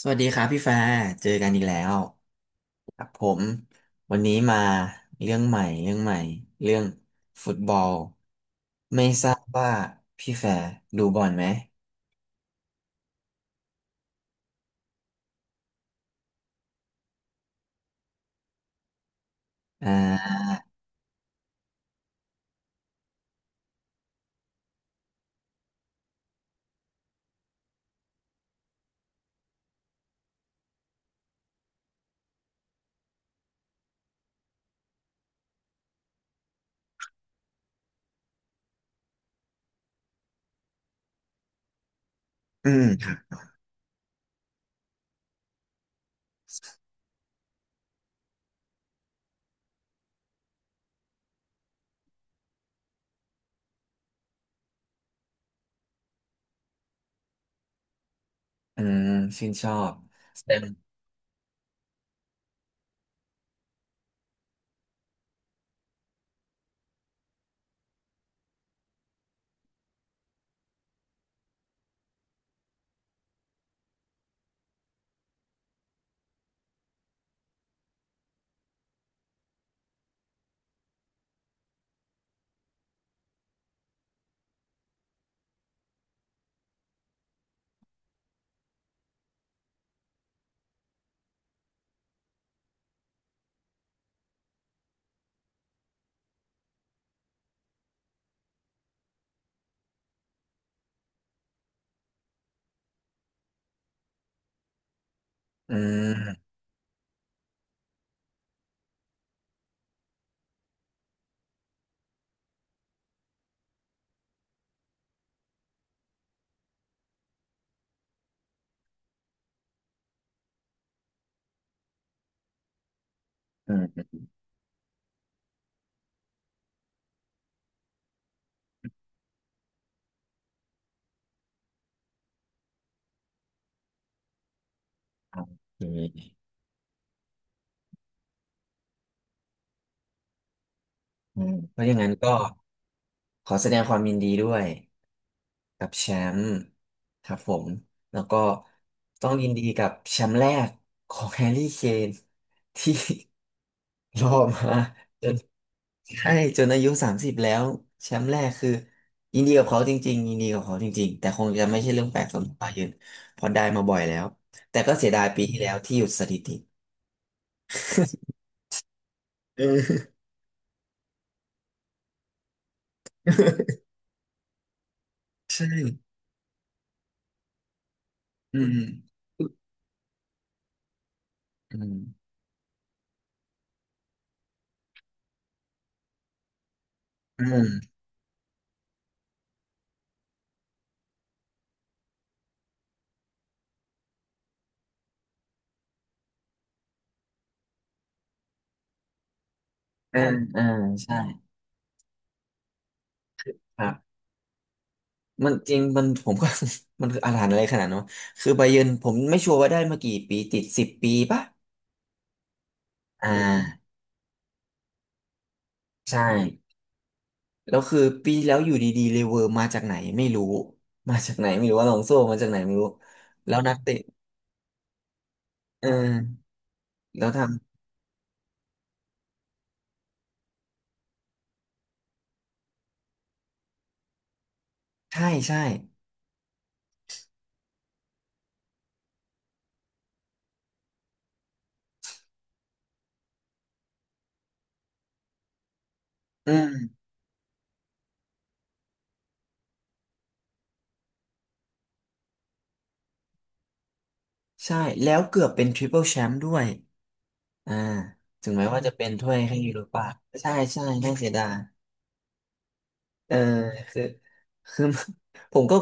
สวัสดีครับพี่ฟ้าเจอกันอีกแล้วครับผมวันนี้มาเรื่องใหม่เรื่องใหม่เรื่องฟุตบอลไม่ทราบว่าพี่แฟร์ดูบอลไหมอ่าอืมอืมชื่นชอบแสดงอืมอืมอืมโอเคอืมเพราะอย่างนั้นก็ขอแสดงความยินดีด้วย กับแชมป์ครับผมแล้วก็ต้องยินดีกับแชมป์แรกของแฮร์รี่เคนที่ รอมาจนใช่จนอายุ30แล้วแชมป์แรกคือยินดีกับเขาจริงๆยินดีกับเขาจริงๆแต่คงจะไม่ใช่เรื่องแปลกสำหรับบาเยิร์นเพราะได้มาบ่อยแล้วแต่ก็เสียดายปีที่แล้วที่หยุดสถิติเออ ใช่อืมอืมอืมอืมอ่าอ่าใช่ครับ มันจริงมัน ผมก็ มันคืออาถรรพ์อะไรขนาดนั้นวะคือไบเยิร์นผมไม่ชัวร์ว่าได้มากี่ปีติด10 ปีปะอ่าใช่แล้วคือปีที่แล้วอยู่ดีๆเลเวอร์มาจากไหนไม่รู้มาจากไหนไม่รู้ว่าลองโซ่มาจากไหนไม่รู้แล้วนักเตะเออแล้วทำใช่ใช่อืมใช่แล้วเกือบเป็นทริปเปิลแชมป์ด้วยอ่าถึงแม้ว่าจะเป็นถ้วยแค่ยูโรปาใช่ใช่น่าเสียดาย เออคือคือ ผมก็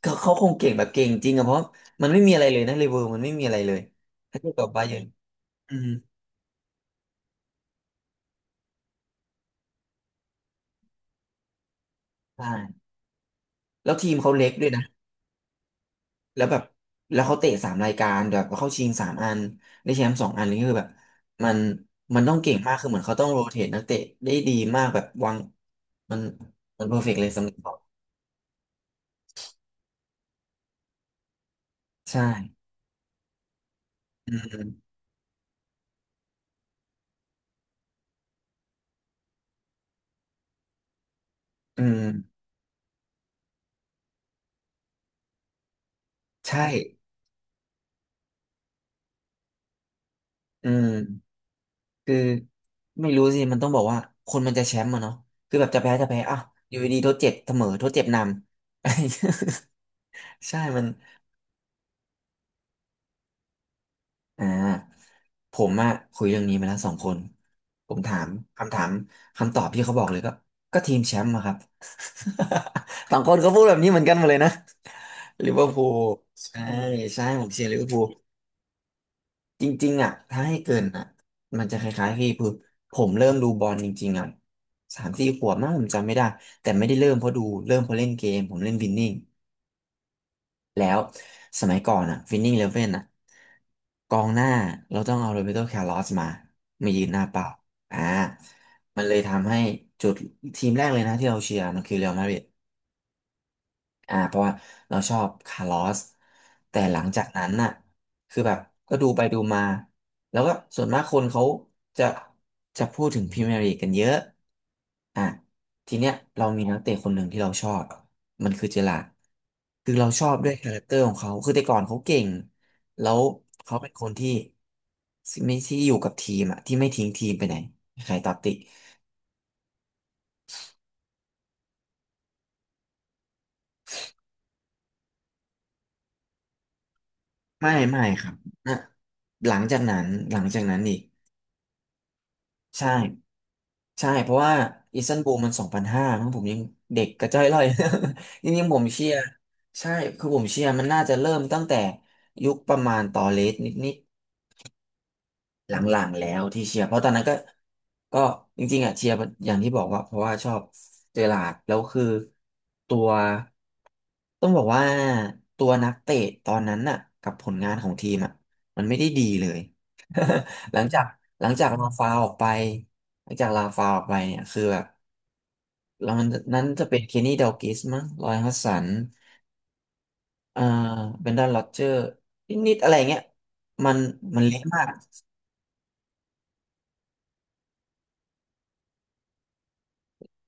เขาคงเก่งแบบเก่งจริงอะเพราะมันไม่มีอะไรเลยนะเลเวอร์มันไม่มีอะไรเลยถ้าเทียบกับบาเยิร์นอืมใช่แล้วทีมเขาเล็กด้วยนะแล้วแบบแล้วเขาเตะ3 รายการแบบเข้าชิง3 อันได้แชมป์2 อันนี่คือแบบมันมันต้องเก่งมากคือเหมือนเขาต้องโรเตทนักเตะได้ดีมากแบบวางมันมันเพอร์เฟกต์เลยสำหรับเขาใช่อืมอืมใช่อืม คือไม่รู้สิมันต้องบอกว่าคนมันจะแชมป์อะเนาะคือแบบจะแพ้จะแพ้อ่ะอยู่ดีๆทดเจ็บเสมอทดเจ็บนำ ใช่มันอ่าผมอะคุยเรื่องนี้มาแล้วสองคนผมถามคำถามคำตอบที่เขาบอกเลยก็ก็ทีมแชมป์อะครับ สองคนก็พูดแบบนี้เหมือนกันหมดเลยนะลิเวอร์พูลใช่ใช่ผมเชียร์ลิเวอร์พูล จริงๆอ่ะถ้าให้เกินอ่ะมันจะคล้ายๆพี่คือผมเริ่มดูบอลจริงๆอ่ะ3-4 ขวบมั้งผมจำไม่ได้แต่ไม่ได้เริ่มเพราะดูเริ่มเพราะเล่นเกมผมเล่นวินนิ่งแล้วสมัยก่อนอ่ะวินนิ่งเลเว่นอ่ะกองหน้าเราต้องเอาโรเบโตคาร์ลอสมามายืนหน้าเป้าอ่ามันเลยทำให้จุดทีมแรกเลยนะที่เราเชียร์มันคือเรอัลมาดริด อ่าเพราะว่าเราชอบคาร์ลอสแต่หลังจากนั้นน่ะคือแบบก็ดูไปดูมาแล้วก็ส่วนมากคนเขาจะจะพูดถึงพรีเมียร์ลีกกันเยอะอ่ะทีเนี้ยเรามีนักเตะคนหนึ่งที่เราชอบมันคือเจอราร์ดคือเราชอบด้วยคาแรคเตอร์ของเขาคือแต่ก่อนเขาเก่งแล้วเขาเป็นคนที่ไม่ที่อยู่กับทีมอะที่ไม่ทิ้งทีมไปไหนใครตัดติไม่ไม่ครับนะหลังจากนั้นหลังจากนั้นอีก ใช่ใช่เพราะว่าอิสตันบูลมัน2005มั้งผมยังเด็กกระจ้อยร่อย จริงๆผมเชียร์ใช่คือผมเชียร์มันน่าจะเริ่มตั้งแต่ยุคประมาณตอเลสนิดด หลังๆแล้วที่เชียร์เพราะตอนนั้นก็ก็จริงๆอ่ะเชียร์อย่างที่บอกว่าเพราะว่าชอบเจอราร์ดแล้วคือตัวต้องบอกว่าตัวนักเตะตอนนั้นน่ะกับผลงานของทีมอ่ะมันไม่ได้ดีเลย หลังจากหลังจากลาฟาวออกไปหลังจากลาฟาวออกไปเนี่ยคือแบบแล้วมันนั้นจะเป็นเคนนี่ดัลกิชมั้งรอยฮัดสันเอ่อเบรนดอนโรเจอร์นิดๆอะไรเงี้ยมันมันเละมาก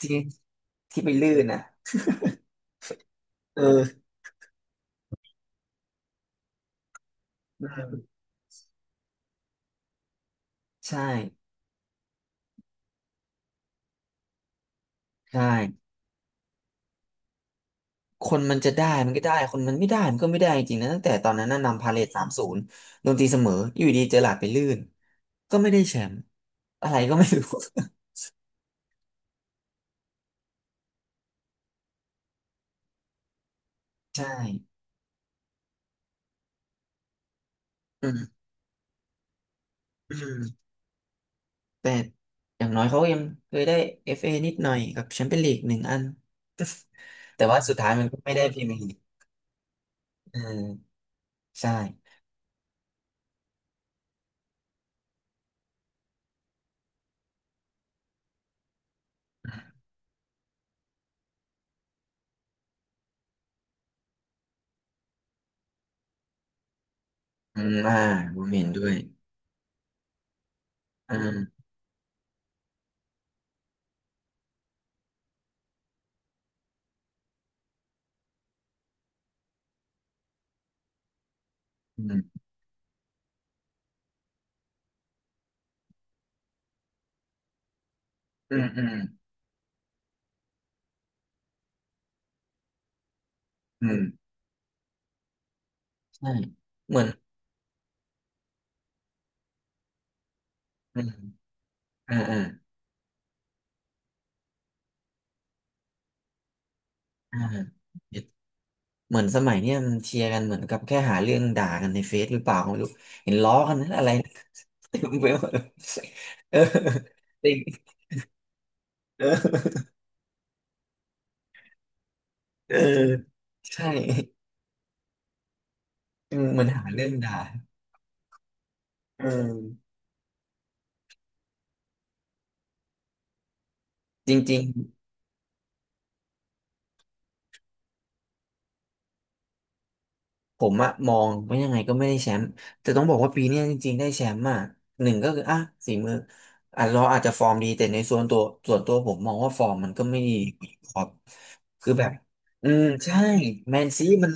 ที่ที่ไปลื่นอ่ะเออ อืมใช่ใช่คนมันจะได้มันก็ได้คนมันไม่ได้มันก็ไม่ได้จริงๆนะตั้งแต่ตอนนั้นน่ะนำพาเลท3-0โดนตีเสมออยู่ดีเจอหลาดไปลื่นก็ไม่ได้แชมป์อะไรก็ไม่รู้ ใช่อืมอืมแต่อย่างน้อยเขายังเคยได้เอฟเอนิดหน่อยกับแชมเปี้ยนลีก1 อัน แต่ว่าสุดท้ายมันก็ไม่ได้พรีเมียร์ลีกเออใช่อืมอ่าผมเห็นด้วยอืมอืมอืมอืมอืมใช่เหมือนอืมอ่า อ่าเหมือนสมัยเนี่ยมันเชียร์กันเหมือนกับแค่หาเรื่องด่ากันในเฟซหรือเปล่าก็ไม่รู้เห็นล้อกันนั้นอะไร เต็มไปหมดเออจริงเออเออใช่เออมันหาเรื่องด่าเออจริงๆ ผมอะมองว่ายังไงก็ไม่ได้แชมป์แต่ต้องบอกว่าปีเนี้ยจริงๆได้แชมป์อะหนึ่งก็คืออ่ะฝีมืออ่ะเราอาจจะฟอร์มดีแต่ในส่วนตัวผมมองว่าฟอร์มมันก็ไม่ดีครับคือแบบอืมใช่แมนซีมัน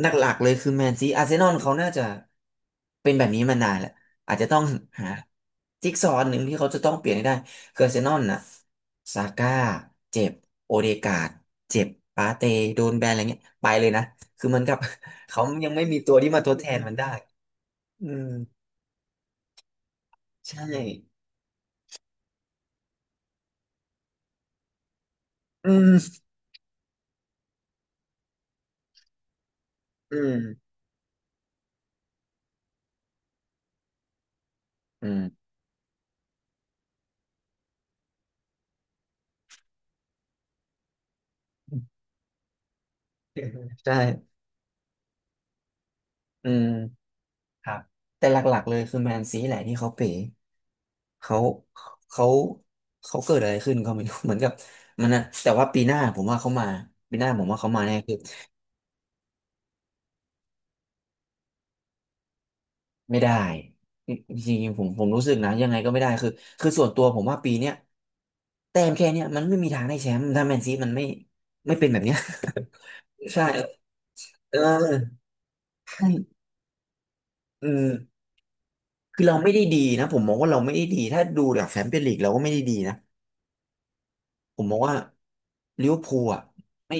หลักๆเลยคือแมนซีอาร์เซนอลเขาน่าจะเป็นแบบนี้มานานแหละอาจจะต้องหาจิ๊กซอว์หนึ่งที่เขาจะต้องเปลี่ยนให้ได้คืออาร์เซนอลน่ะซาก้าเจ็บโอเดการ์ดเจ็บปาเตโดนแบนอะไรเงี้ยไปเลยนะคือเหมันกับ เขายังไม่มีตัวที่มาทดแทนมันได้อืมใช่อืมอืมอืมใช่อืม ครับแต่หลักๆเลยคือแมนซีแหละที่เขาเป๋เขาเขาเกิดอะไรขึ้นก็ไม่รู้ เหมือนกับมันนะแต่ว่าปีหน้าผมว่าเขามาปีหน้าผมว่าเขามาแน่คือไม่ได้จริงๆผมรู้สึกนะยังไงก็ไม่ได้คือคือส่วนตัวผมว่าปีเนี้ยแต้มแค่เนี้ยมันไม่มีทางได้แชมป์ถ้าแมนซีมันไม่เป็นแบบเนี้ย ใช่เออใช่อืมคือเราไม่ได้ดีนะผมมองว่าเราไม่ได้ดีถ้าดูจากแชมเปี้ยนลีกเราก็ไม่ได้ดีนะ ผมมองว่าลิเวอร์พูลอ่ะไม่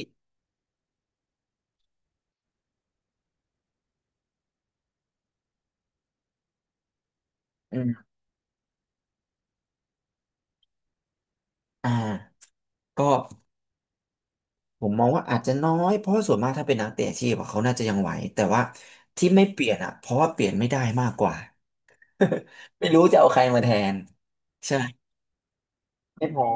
อืมอ่าก็ผมมองว่าอาจจะน้อยเพราะว่าส่วนมากถ้าเป็นนักเตะอาชีพอะเขาน่าจะยังไหวแต่ว่าที่ไม่เปลี่ยนอ่ะเพราะว่าเปลี่ยนไม่ได้มากกว่า ไม่รู้จะเอาใครมาแทนใช่ไม่พอ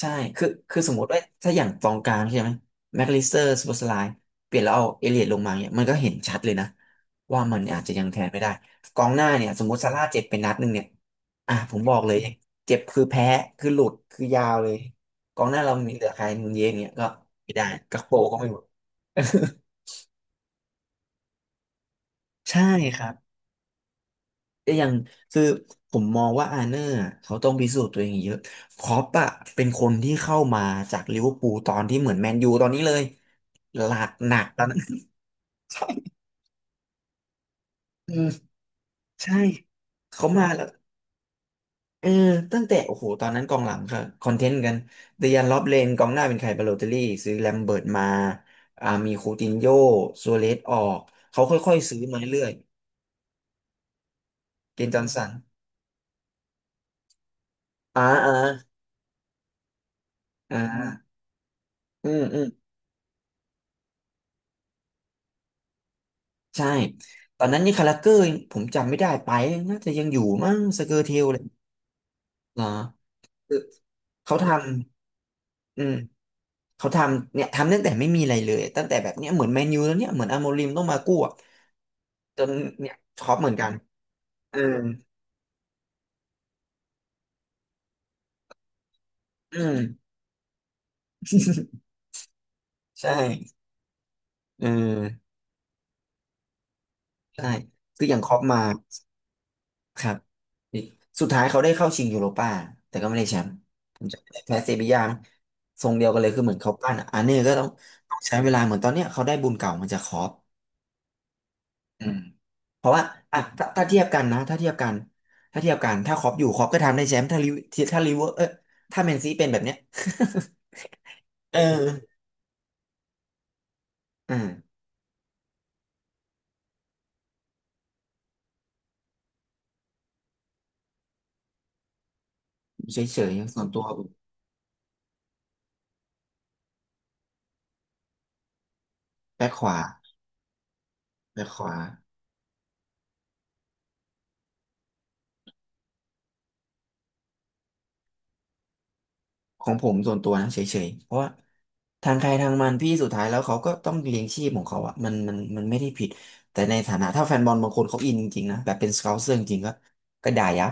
ใช่คือสมมติว่า ถ้าอย่างกองกลางใช่ไหมแม็กลิสเตอร์สปอสไลน์เปลี่ยนแล้วเอาเอเลียดลงมาเนี่ยมันก็เห็นชัดเลยนะ ว่ามันอาจจะยังแทนไม่ได้กองหน้าเนี่ย สมมติซาร่าเจ็บไปนัดหนึ่งเนี่ยอ่ะผมบอกเลย เจ็บคือแพ้ คือหลุด คือยาวเลยกองหน้าเรามีเหลือใครมุนเยสเนี่ยก็ไม่ได้ กักโปก็ไม่หมด ใช่ครับ ก็ยังคือผมมองว่าอาร์เนอร์อะเขาต้องพิสูจน์ตัวเองอีกเยอะคล็อปอะเป็นคนที่เข้ามาจากลิเวอร์พูลตอนที่เหมือนแมนยูตอนนี้เลยหลักหนักตอนนั้น ใช่อืมใช่เขามาแล้วเออตั้งแต่โอ้โหตอนนั้นกองหลังค่ะคอนเทนต์กันเดยันล็อบเลนกองหน้าเป็นใครบาโลเตลลี่ซื้อแลมเบิร์ตมาอ่ามีคูตินโญ่ซัวเรซออกเขาค่อยๆซื้อมาเรื่อยๆเกนจอห์นสันอ่าอ่าอ่าอืมอืม ใช่ตอนนั้นนี่คาราเกอร์ผมจำไม่ได้ไปน่าจะยังอยู่มั้งสเกอร์เทลเลยเหรอคือเขาทำอืมเขาทำเนี่ยทำตั้งแต่ไม่มีอะไรเลยตั้งแต่แบบเนี้ยเหมือนแมนยูแล้วเนี่ยเหมือนอาโมริมต้องมากู้อะจนเนี่ยคล็อปเหมือนกันออออืมใช่เออใช่คืออย่างคล็อปมา ครับดิสุดท้ายเขาได้เข้าชิงยูโรป้าแต่ก็ไม่ได้แชมป์ผมจำไม่ได้แพ้เซบียามั้งทรงเดียวกันเลยคือเหมือนเขาปั้นอะอันนี้ก็ต้องต้องใช้เวลาเหมือนตอนเนี้ยเขาได้บุญเก่ามาจากคอปอืมเพราะว่าอ่ะถ้าเทียบกันนะถ้าเทียบกันถ้าเทียบกันถ้าคอปอยู่คอปก็ทำได้แชมป์ถ้าลิเวถ้าลิเวอร์เออถ้าแมนซีเป็นแบบเนี้ย เอออ่าเฉยๆส่วนตัวแบ็คขวาแบ็คขวา ของผมส่วนตัวนะเฉยๆ เพราะว่าทางใครทางมันพี่สุดท้ายแล้วเขาก็ต้องเลี้ยงชีพของเขาอะมันมันไม่ได้ผิดแต่ในฐานะถ้าแฟนบอลบางคนเขาอินจริงๆนะแบบเป็นสเกาเซอร์จริงๆก็ก็ด่ายับ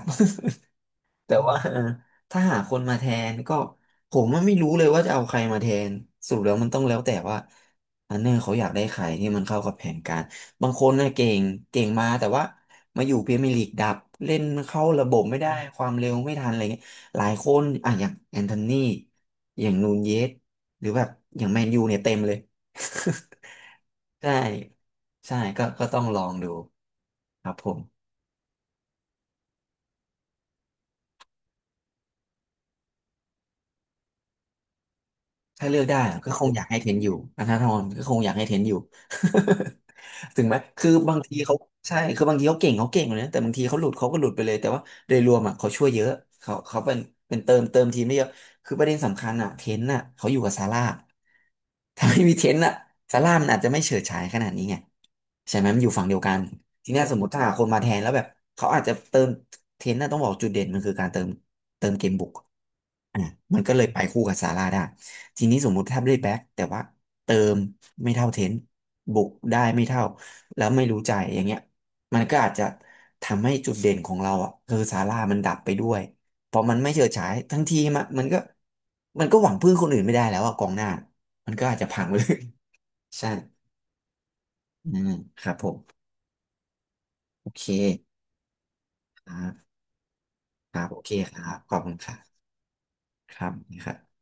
แต่ว่า เออถ้าหาคนมาแทนก็ผมว่าไม่รู้เลยว่าจะเอาใครมาแทนสรุปแล้วมันต้องแล้วแต่ว่าอันเนอร์เขาอยากได้ใครที่มันเข้ากับแผนการบางคนน่ะเก่งเก่งมาแต่ว่ามาอยู่พรีเมียร์ลีกดับเล่นเข้าระบบไม่ได้ความเร็วไม่ทันอะไรเงี้ยหลายคนอ่ะอย่างแอนโทนีอย่างนูนเยสหรือแบบอย่างแมนยูเนี่ยเต็มเลย ใช่ใช่ก็ต้องลองดูครับผม ถ้าเลือกได้อะก็คงอยากให้เทนอยู่อัธนาธรก็คงอยากให้เทนอยู่ ถึงไหมคือบางทีเขาใช่คือบางทีเขาเก่งเขาเก่งเลยนะแต่บางทีเขาหลุดเขาก็หลุดไปเลยแต่ว่าโดยรวมอ่ะเขาช่วยเยอะเขาเป็นเป็นเติมเติมทีมได้เยอะคือประเด็นสำคัญอ่ะเทนอ่ะเขาอยู่กับซาร่าถ้าไม่มีเทนอ่ะซาร่ามันอาจจะไม่เฉิดฉายขนาดนี้ไงใช่ไหมมันอยู่ฝั่งเดียวกันทีเนี้ยสมมติถ้าหาคนมาแทนแล้วแบบเขาอาจจะเติมเทนน่ะต้องบอกจุดเด่นมันคือการเติมเติมเกมบุก อ่ะมันก็เลยไปคู่กับซาร่าได้ทีนี้สมมุติถ้าได้แบ็คแต่ว่าเติมไม่เท่าเทนต์บุกได้ไม่เท่าแล้วไม่รู้ใจอย่างเงี้ยมันก็อาจจะทำให้จุดเด่นของเราอ่ะคือซาร่ามันดับไปด้วยเพราะมันไม่เฉิดฉายทั้งทีมอะมันก็มันก็หวังพึ่งคนอื่นไม่ได้แล้วอะกองหน้ามันก็อาจจะพังเลย ใช่อืมครับผมโอเคครับครับโอเคครับขอบคุณครับครับนครับ